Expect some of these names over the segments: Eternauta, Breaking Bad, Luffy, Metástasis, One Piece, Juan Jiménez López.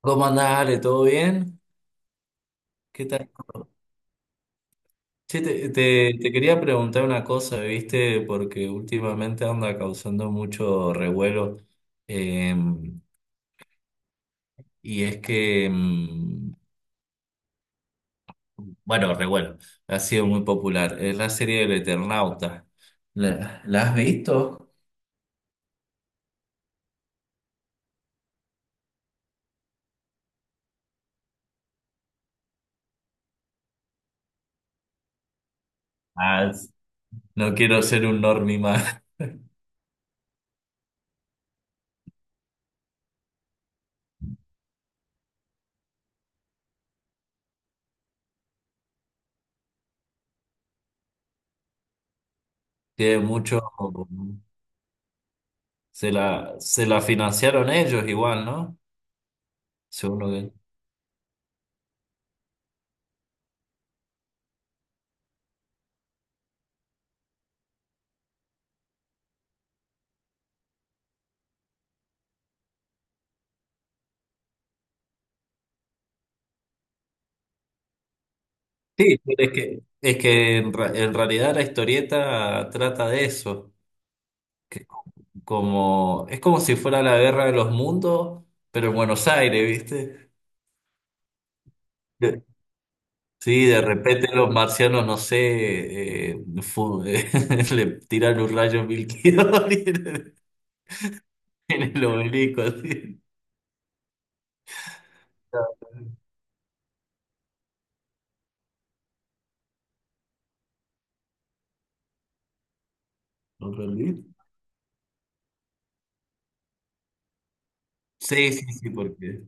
¿Cómo andás, Ale? ¿Todo bien? ¿Qué tal todo? Che, te quería preguntar una cosa, ¿viste? Porque últimamente anda causando mucho revuelo. eh, y es que, bueno, revuelo, ha sido muy popular. Es la serie del Eternauta. ¿La has visto? Ah, no quiero ser un normie más. Tiene mucho. Se la financiaron ellos igual, ¿no? Según lo que sí, es que, en realidad la historieta trata de eso, que como, es como si fuera la guerra de los mundos, pero en Buenos Aires, ¿viste? De- Sí, de repente los marcianos, no sé, le tiran un rayo mil kilómetros en el obelisco, así. ¿Entendí? Sí, sí, sí, porque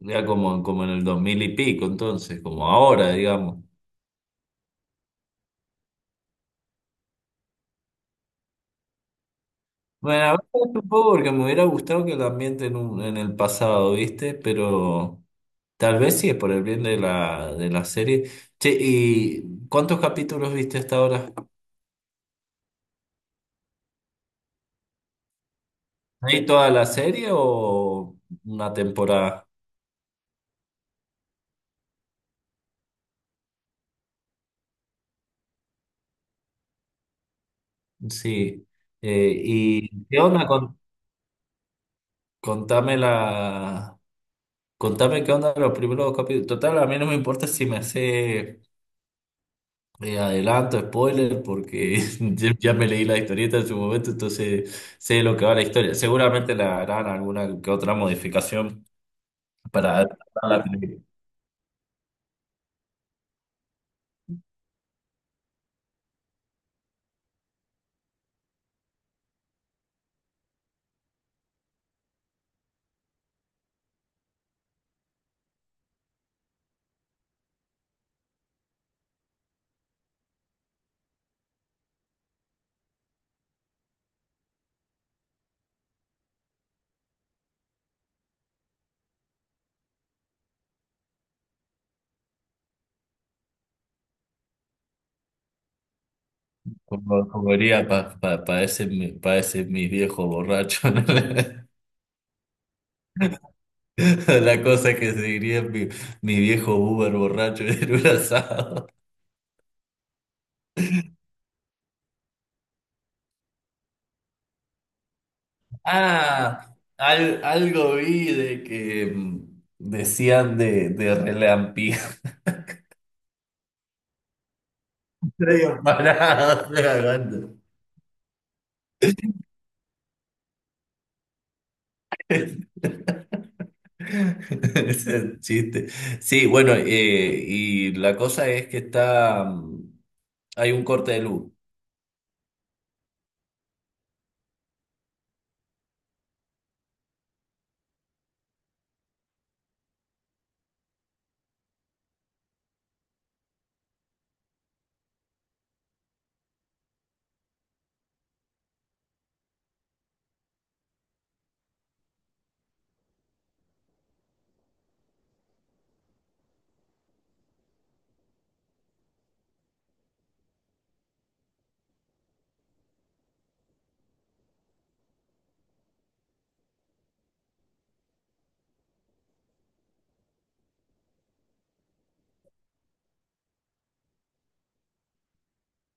ya como, como en el dos mil y pico, entonces, como ahora, digamos. Bueno, a veces un poco porque me hubiera gustado que el ambiente en el pasado, ¿viste? Pero tal vez sí es por el bien de la serie. Che, ¿y cuántos capítulos viste hasta ahora? ¿Hay toda la serie o una temporada? Sí. ¿Y qué onda con, contame la, contame qué onda los primeros capítulos? Total, a mí no me importa si me sé eh, adelanto, spoiler, porque ya me leí la historieta en su momento, entonces sé de lo que va la historia. Seguramente le harán alguna que otra modificación para adaptarla, como, como diría, para pa ese mi viejo borracho. ¿no? La la cosa que se diría mi viejo Uber borracho en un asado. Ah, algo vi de que decían de relampi. Medio parado, estoy hablando. Ese chiste. Sí, bueno, y la cosa es que está, hay un corte de luz.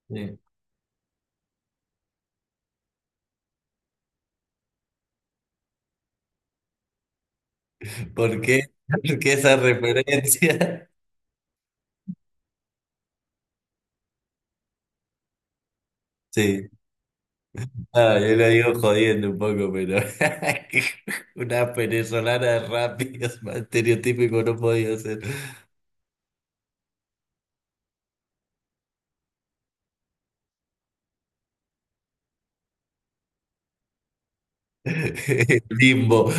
Sí. ¿Por qué? ¿Por qué esa referencia? Sí, ah, yo lo digo jodiendo un poco, pero una venezolana rápida, más estereotípico no podía ser. Limbo.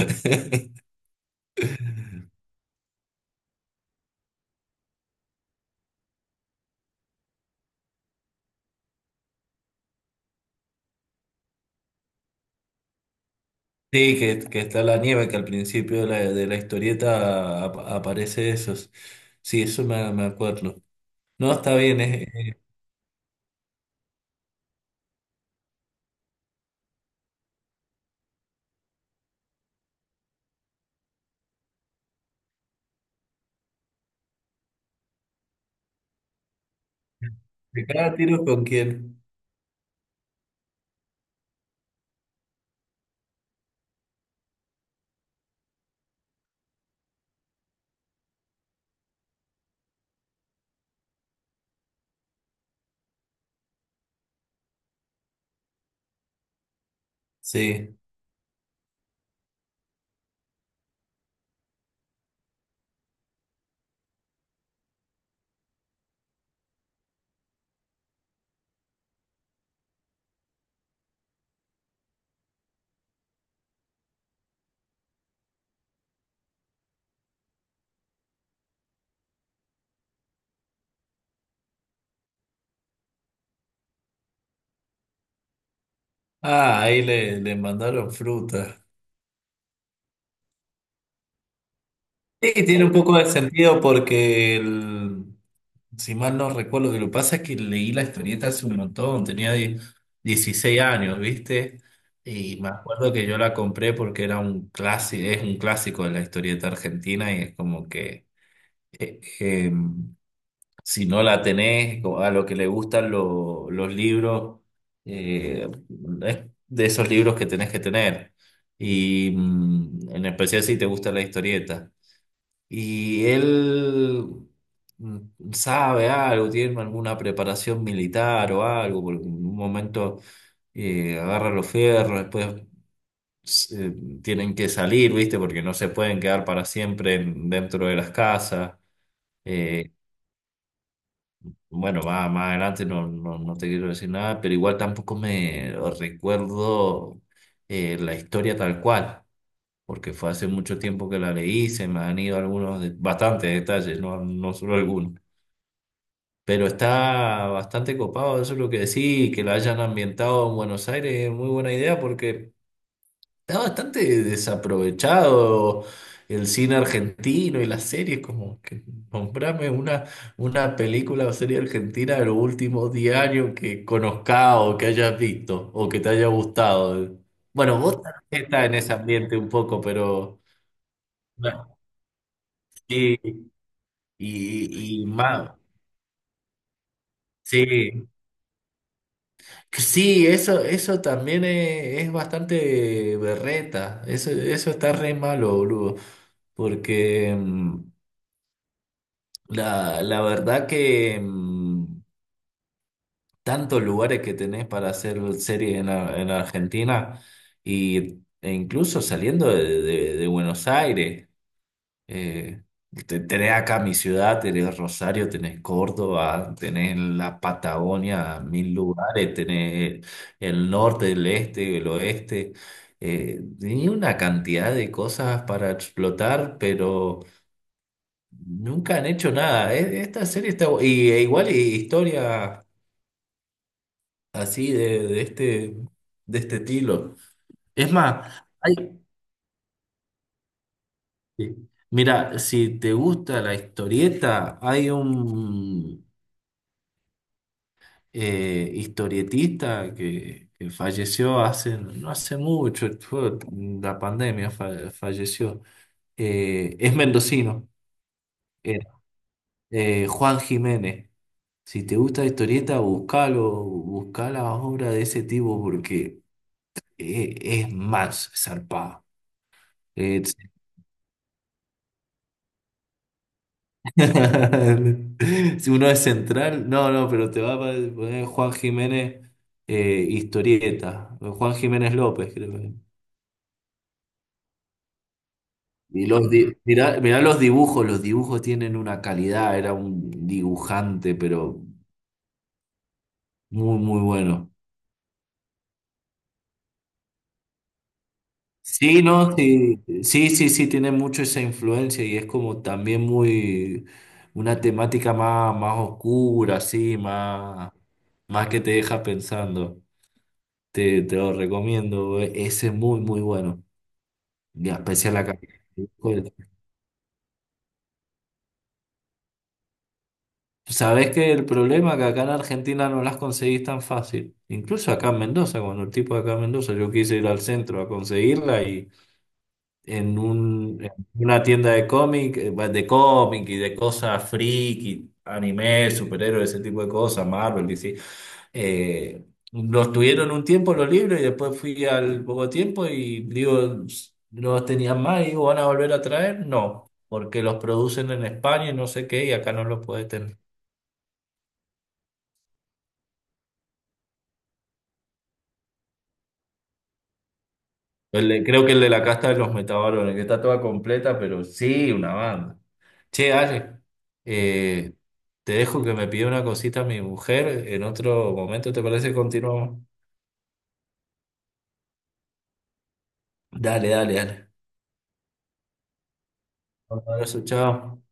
Sí, que está la nieve, que al principio de la historieta aparece eso. Sí, eso me acuerdo. No, está bien, es, ¿se cada tiro con quién? Sí. Ah, ahí le mandaron fruta. Sí, tiene un poco de sentido porque el- si mal no recuerdo, lo que pasa es que leí la historieta hace un montón, 16 años, ¿viste? Y me acuerdo que yo la compré porque era un clásico, es un clásico de la historieta argentina y es como que eh, eh, si no la tenés, o a lo que le gustan los libros, eh, es de esos libros que tenés que tener. Y en especial si te gusta la historieta. Y él sabe algo, tiene alguna preparación militar o algo, porque en un momento agarra los fierros, después s- eh, tienen que salir, ¿viste? Porque no se pueden quedar para siempre en- dentro de las casas. eh, Bueno, más, más adelante no, no, no te quiero decir nada, pero igual tampoco me recuerdo la historia tal cual, porque fue hace mucho tiempo que la leí, se me han ido algunos, bastantes detalles, no, no solo algunos. Pero está bastante copado, eso es lo que decís, que la hayan ambientado en Buenos Aires es muy buena idea porque... Está bastante desaprovechado el cine argentino y las series, como que nombrame una película o serie argentina de los últimos 10 años que conozcas o que hayas visto o que te haya gustado. Bueno, vos también estás en ese ambiente un poco, pero bueno, sí, y más. Sí, sí, eso también es bastante berreta. Eso está re malo, boludo. Porque la, la verdad que tantos lugares que tenés para hacer series en, en Argentina y, e incluso saliendo de, de Buenos Aires. eh, tenés acá mi ciudad, tenés Rosario, tenés Córdoba, tenés la Patagonia, mil lugares, tenés el norte, el este, el oeste. Tenía una cantidad de cosas para explotar, pero... Nunca han hecho nada. E- Esta serie está... bu- Y e igual y historia así de este estilo. Es más, hay... sí. Mira, si te gusta la historieta, hay un historietista que falleció hace, no hace mucho, fue la pandemia falleció. Es mendocino, era, Juan Jiménez. Si te gusta la historieta, buscalo, busca la obra de ese tipo porque es, más zarpado. Es- Si uno es central, no, no, pero te va a poner Juan Jiménez historieta, Juan Jiménez López, creo que. Y los mirá, mirá los dibujos tienen una calidad, era un dibujante, pero muy, muy bueno. Sí, no, sí, sí, sí, sí, tiene mucho esa influencia y es como también muy una temática más, más oscura, así, más, más que te deja pensando. Te lo recomiendo, ese es muy, muy bueno, y especial acá. Sabes que el problema es que acá en Argentina no las conseguís tan fácil, incluso acá en Mendoza, cuando el tipo de acá en Mendoza, yo quise ir al centro a conseguirla en una tienda de cómic y de cosas friki, anime, superhéroes, ese tipo de cosas, Marvel, DC. Eh, los tuvieron un tiempo los libros y después fui al poco tiempo y digo, no los tenían más y digo, ¿van a volver a traer? No, porque los producen en España y no sé qué y acá no los puede tener. El de- creo que el de la casta de los metabarones, que está toda completa, pero sí, una banda. Che, Ale, eh, te dejo que me pida una cosita mi mujer. En otro momento, ¿te parece? Continuamos. Dale, dale, dale. Un abrazo, chao.